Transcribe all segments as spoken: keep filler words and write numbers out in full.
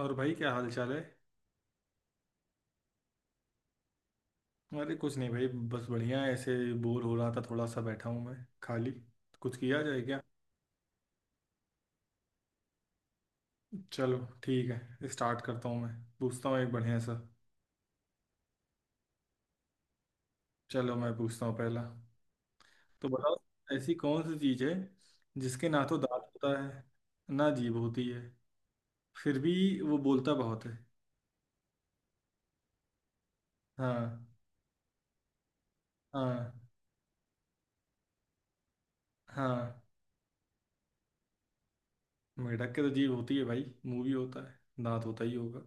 और भाई क्या हाल चाल है। अरे कुछ नहीं भाई। बस बढ़िया है, ऐसे बोर हो रहा था, थोड़ा सा बैठा हूँ मैं खाली। कुछ किया जाए क्या। चलो ठीक है, स्टार्ट करता हूँ। मैं पूछता हूँ एक बढ़िया सा। चलो मैं पूछता हूँ पहला। तो बताओ, ऐसी कौन सी चीज़ है जिसके ना तो दांत होता है, ना जीभ होती है, फिर भी वो बोलता बहुत है। हाँ। हाँ। हाँ। मेढक के तो जीभ होती है भाई, मुंह भी होता है, दांत होता ही होगा।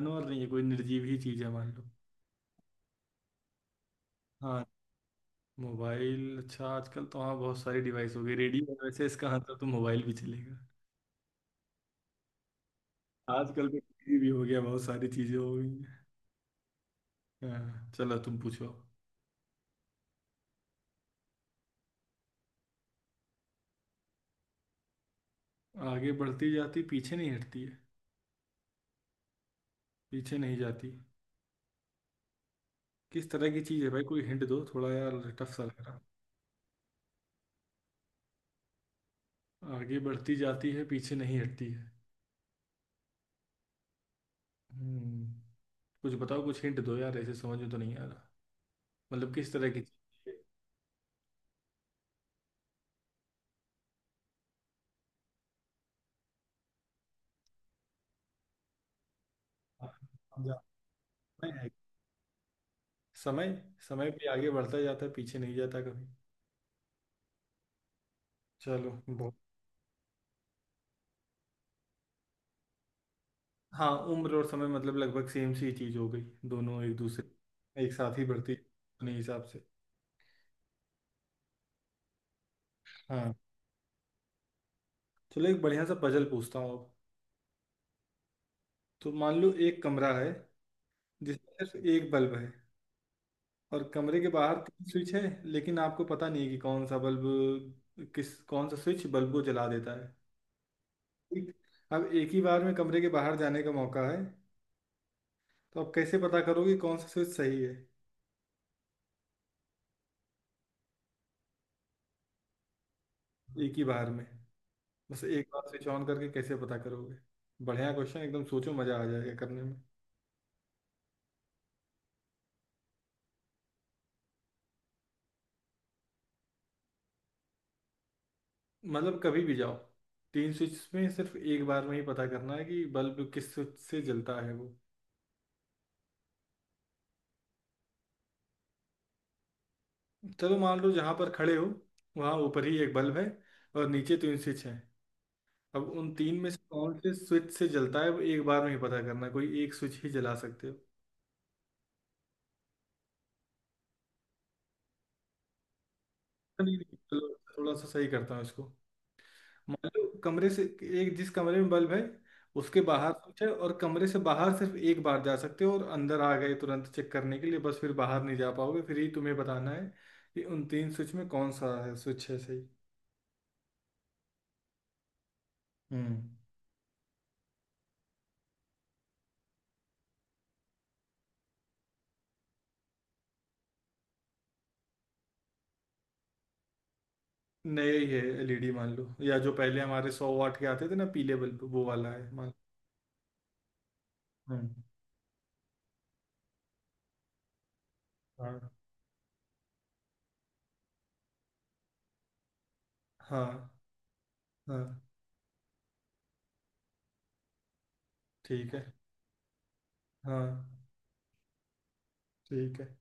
जानवर नहीं है कोई, निर्जीव ही चीज़ है मान लो। हाँ। मोबाइल, अच्छा आजकल तो हाँ बहुत सारी डिवाइस हो गई, रेडियो है, वैसे इसका आंसर तो मोबाइल भी चलेगा। आजकल तो टीवी भी हो गया, बहुत सारी चीजें हो गई हैं। हाँ चलो तुम पूछो। आगे बढ़ती जाती, पीछे नहीं हटती है। पीछे नहीं जाती। किस तरह की चीज़ है भाई, कोई हिंट दो थोड़ा यार, टफ सा लग रहा। आगे बढ़ती जाती है, पीछे नहीं हटती है। हम्म। कुछ बताओ, कुछ हिंट दो यार, ऐसे समझ में तो नहीं आ रहा। मतलब किस तरह की चीज़ है? हम जानते हैं। समय। समय भी आगे बढ़ता जाता है, पीछे नहीं जाता कभी। चलो बहुत। हाँ उम्र और समय मतलब लगभग सेम सी चीज हो गई, दोनों एक दूसरे एक साथ ही बढ़ती अपने हिसाब से। हाँ। चलो एक बढ़िया सा पजल पूछता हूँ अब। तो मान लो एक कमरा है जिसमें सिर्फ एक बल्ब है, और कमरे के बाहर तीन स्विच है। लेकिन आपको पता नहीं है कि कौन सा बल्ब किस कौन सा स्विच बल्ब को जला देता है। ठीक। अब एक ही बार में कमरे के बाहर जाने का मौका है। तो आप कैसे पता करोगे कौन सा स्विच सही है। एक ही बार में। बस एक बार स्विच ऑन करके कैसे पता करोगे। बढ़िया क्वेश्चन एकदम, सोचो मजा आ जाएगा करने में। मतलब कभी भी जाओ। तीन स्विच में सिर्फ एक बार में ही पता करना है कि बल्ब किस स्विच से जलता है वो। चलो मान लो जहाँ पर खड़े हो वहाँ ऊपर ही एक बल्ब है और नीचे तीन स्विच हैं। अब उन तीन में से कौन से स्विच से जलता है वो एक बार में ही पता करना है, कोई एक स्विच ही जला सकते हो। नहीं नहीं, चलो थोड़ा सा सही करता हूँ इसको। मान लो कमरे से, एक जिस कमरे में बल्ब है उसके बाहर स्विच है, और कमरे से बाहर सिर्फ एक बार जा सकते हो और अंदर आ गए तुरंत चेक करने के लिए, बस फिर बाहर नहीं जा पाओगे, फिर ही तुम्हें बताना है कि उन तीन स्विच में कौन सा है स्विच है सही। हम्म। नया ही है एलईडी मान लो, या जो पहले हमारे सौ वाट के आते थे ना, पीले बल्ब, वो वाला है मान लो। हम्म। हाँ। हाँ। हाँ। ठीक है। हाँ। ठीक है।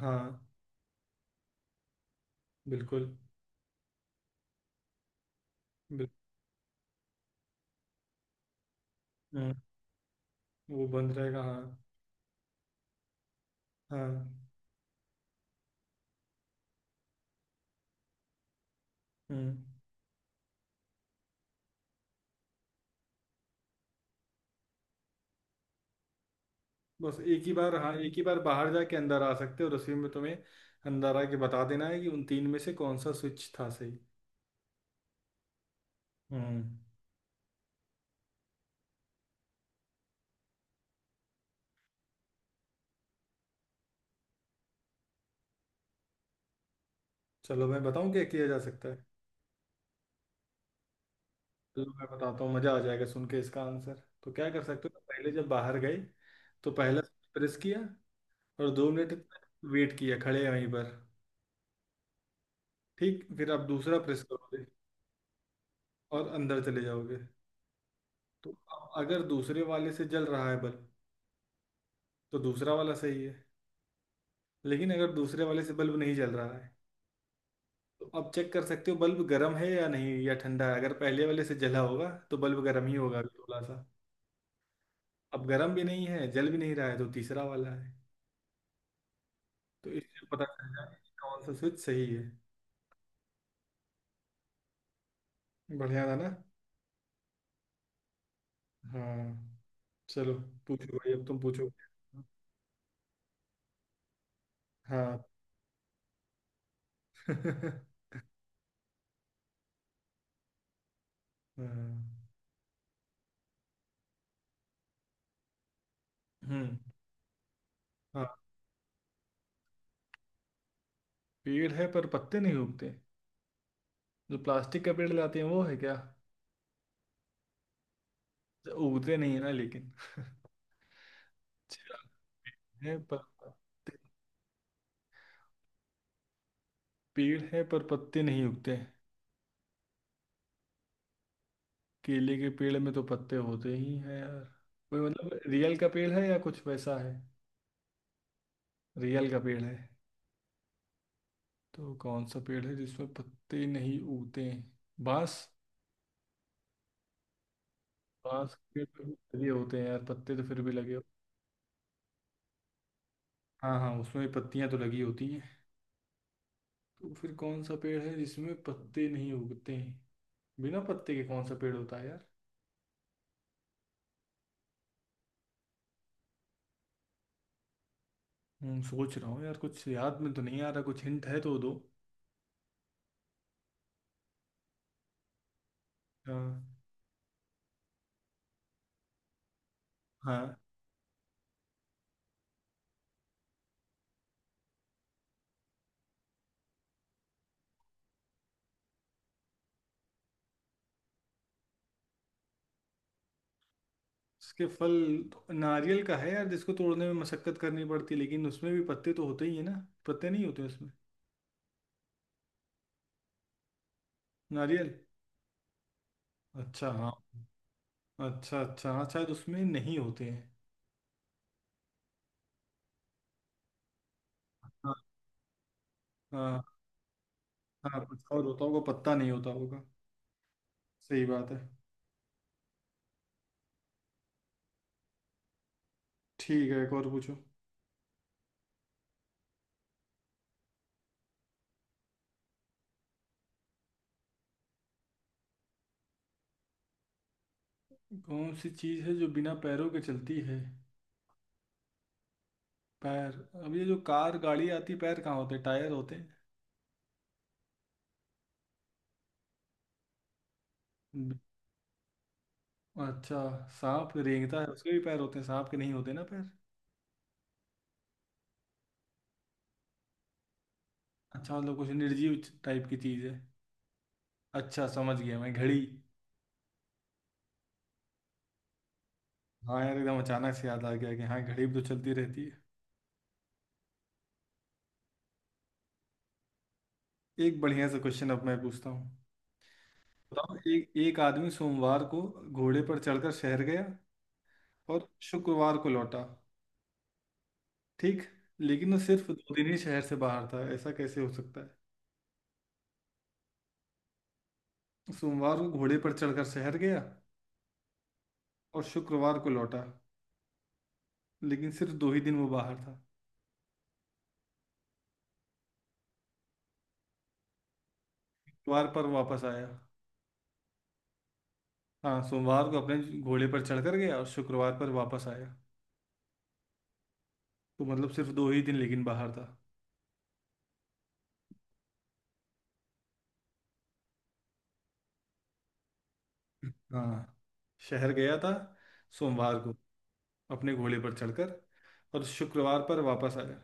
हाँ बिल्कुल बिल्कुल। हम्म, वो बंद रहेगा हाँ। हाँ। हम्म। बस एक ही बार, हाँ एक ही बार बाहर जाके अंदर आ सकते हो और उसी में तुम्हें अंदर आके बता देना है कि उन तीन में से कौन सा स्विच था सही। हम्म। चलो मैं बताऊं क्या किया जा सकता है। चलो मैं बताता हूँ मजा आ जाएगा सुन के, इसका आंसर तो क्या कर सकते हो, पहले जब बाहर गए तो पहला प्रेस किया और दो मिनट तक वेट किया खड़े वहीं पर। ठीक, फिर आप दूसरा प्रेस करोगे और अंदर चले जाओगे। तो अब अगर दूसरे वाले से जल रहा है बल्ब तो दूसरा वाला सही है। लेकिन अगर दूसरे वाले से बल्ब नहीं जल रहा है तो आप चेक कर सकते हो बल्ब गर्म है या नहीं, या ठंडा है, अगर पहले वाले से जला होगा तो बल्ब गर्म ही होगा अभी थोड़ा सा। अब गर्म भी नहीं है, जल भी नहीं रहा है, तो तीसरा वाला है। तो इससे पता चल जाए कि कौन सा स्विच सही है। बढ़िया था ना। हाँ। चलो पूछो भाई, अब तुम पूछो। हाँ हाँ। हम्म। हाँ पेड़ है पर पत्ते नहीं उगते, जो प्लास्टिक का पेड़ लाते हैं वो है क्या। जो उगते नहीं है ना लेकिन अच्छा, है पर पत्ते- पेड़ है पर पत्ते नहीं उगते। केले के पेड़ में तो पत्ते होते ही हैं यार। कोई मतलब रियल का पेड़ है या कुछ वैसा है। रियल का पेड़ है। तो कौन सा पेड़ है जिसमें पत्ते नहीं उगते हैं, बांस। बांस के पेड़ में लगे होते हैं यार पत्ते, तो फिर भी लगे होते हैं। हाँ हाँ, उसमें पत्तियां तो लगी होती हैं। तो फिर कौन सा पेड़ है जिसमें पत्ते नहीं उगते हैं, बिना पत्ते के कौन सा पेड़ होता है यार। हम्म सोच रहा हूँ यार, कुछ याद में तो नहीं आ रहा, कुछ हिंट है तो दो। हाँ। हाँ। उसके फल, नारियल का है यार जिसको तोड़ने में मशक्कत करनी पड़ती है, लेकिन उसमें भी पत्ते तो होते ही है ना, पत्ते नहीं होते उसमें। नारियल। अच्छा हाँ। अच्छा अच्छा हाँ, शायद उसमें नहीं होते हैं। हाँ। हाँ। हाँ कुछ और होता होगा, पत्ता नहीं होता होगा। सही बात है। ठीक है एक और पूछो। कौन सी चीज़ है जो बिना पैरों के चलती है, पैर, अब ये जो कार गाड़ी आती है पैर कहाँ होते हैं, टायर होते हैं। ब- अच्छा सांप रेंगता है उसके भी पैर होते हैं, सांप के नहीं होते ना पैर। अच्छा मतलब कुछ निर्जीव टाइप की चीज़ है। अच्छा समझ गया मैं, घड़ी। हाँ यार, एकदम अचानक से याद आ गया कि हाँ घड़ी भी तो चलती रहती है। एक बढ़िया सा क्वेश्चन अब मैं पूछता हूँ। बताओ, एक एक आदमी सोमवार को घोड़े पर चढ़कर शहर गया और शुक्रवार को लौटा। ठीक। लेकिन वो सिर्फ दो दिन ही शहर से बाहर था, ऐसा कैसे हो सकता है। सोमवार को घोड़े पर चढ़कर शहर गया और शुक्रवार को लौटा, लेकिन सिर्फ दो ही दिन वो बाहर था। शुक्रवार पर वापस आया। हाँ सोमवार को अपने घोड़े पर चढ़कर गया और शुक्रवार पर वापस आया, तो मतलब सिर्फ दो ही दिन लेकिन बाहर था। हाँ शहर गया था सोमवार को अपने घोड़े पर चढ़कर और शुक्रवार पर वापस आया।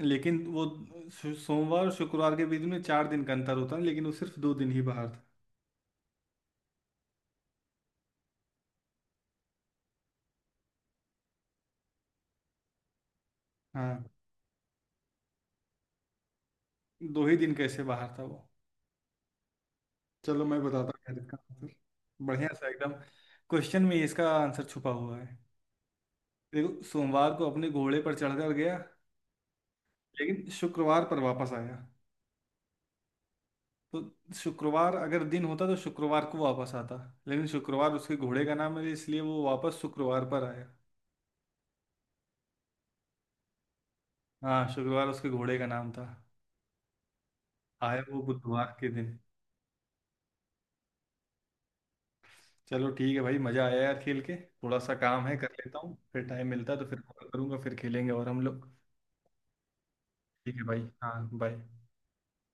लेकिन वो सो- सोमवार और शुक्रवार के बीच में चार दिन का अंतर होता है, लेकिन वो सिर्फ दो दिन ही बाहर था। हाँ दो ही दिन कैसे बाहर था वो। चलो मैं बताता हूँ यार इसका आंसर, बढ़िया सा एकदम, क्वेश्चन में ही इसका आंसर छुपा हुआ है। देखो, सोमवार को अपने घोड़े पर चढ़कर गया लेकिन शुक्रवार पर वापस आया, तो शुक्रवार अगर दिन होता तो शुक्रवार को वापस आता, लेकिन शुक्रवार उसके घोड़े का नाम है, इसलिए वो वापस शुक्रवार पर आया। हाँ शुक्रवार उसके घोड़े का नाम था। आया वो बुधवार के दिन। चलो ठीक है भाई, मजा आया यार खेल के। थोड़ा सा काम है कर लेता हूँ, फिर टाइम मिलता है तो फिर कॉल करूंगा, फिर खेलेंगे और हम लोग। ठीक है भाई। हाँ बाय।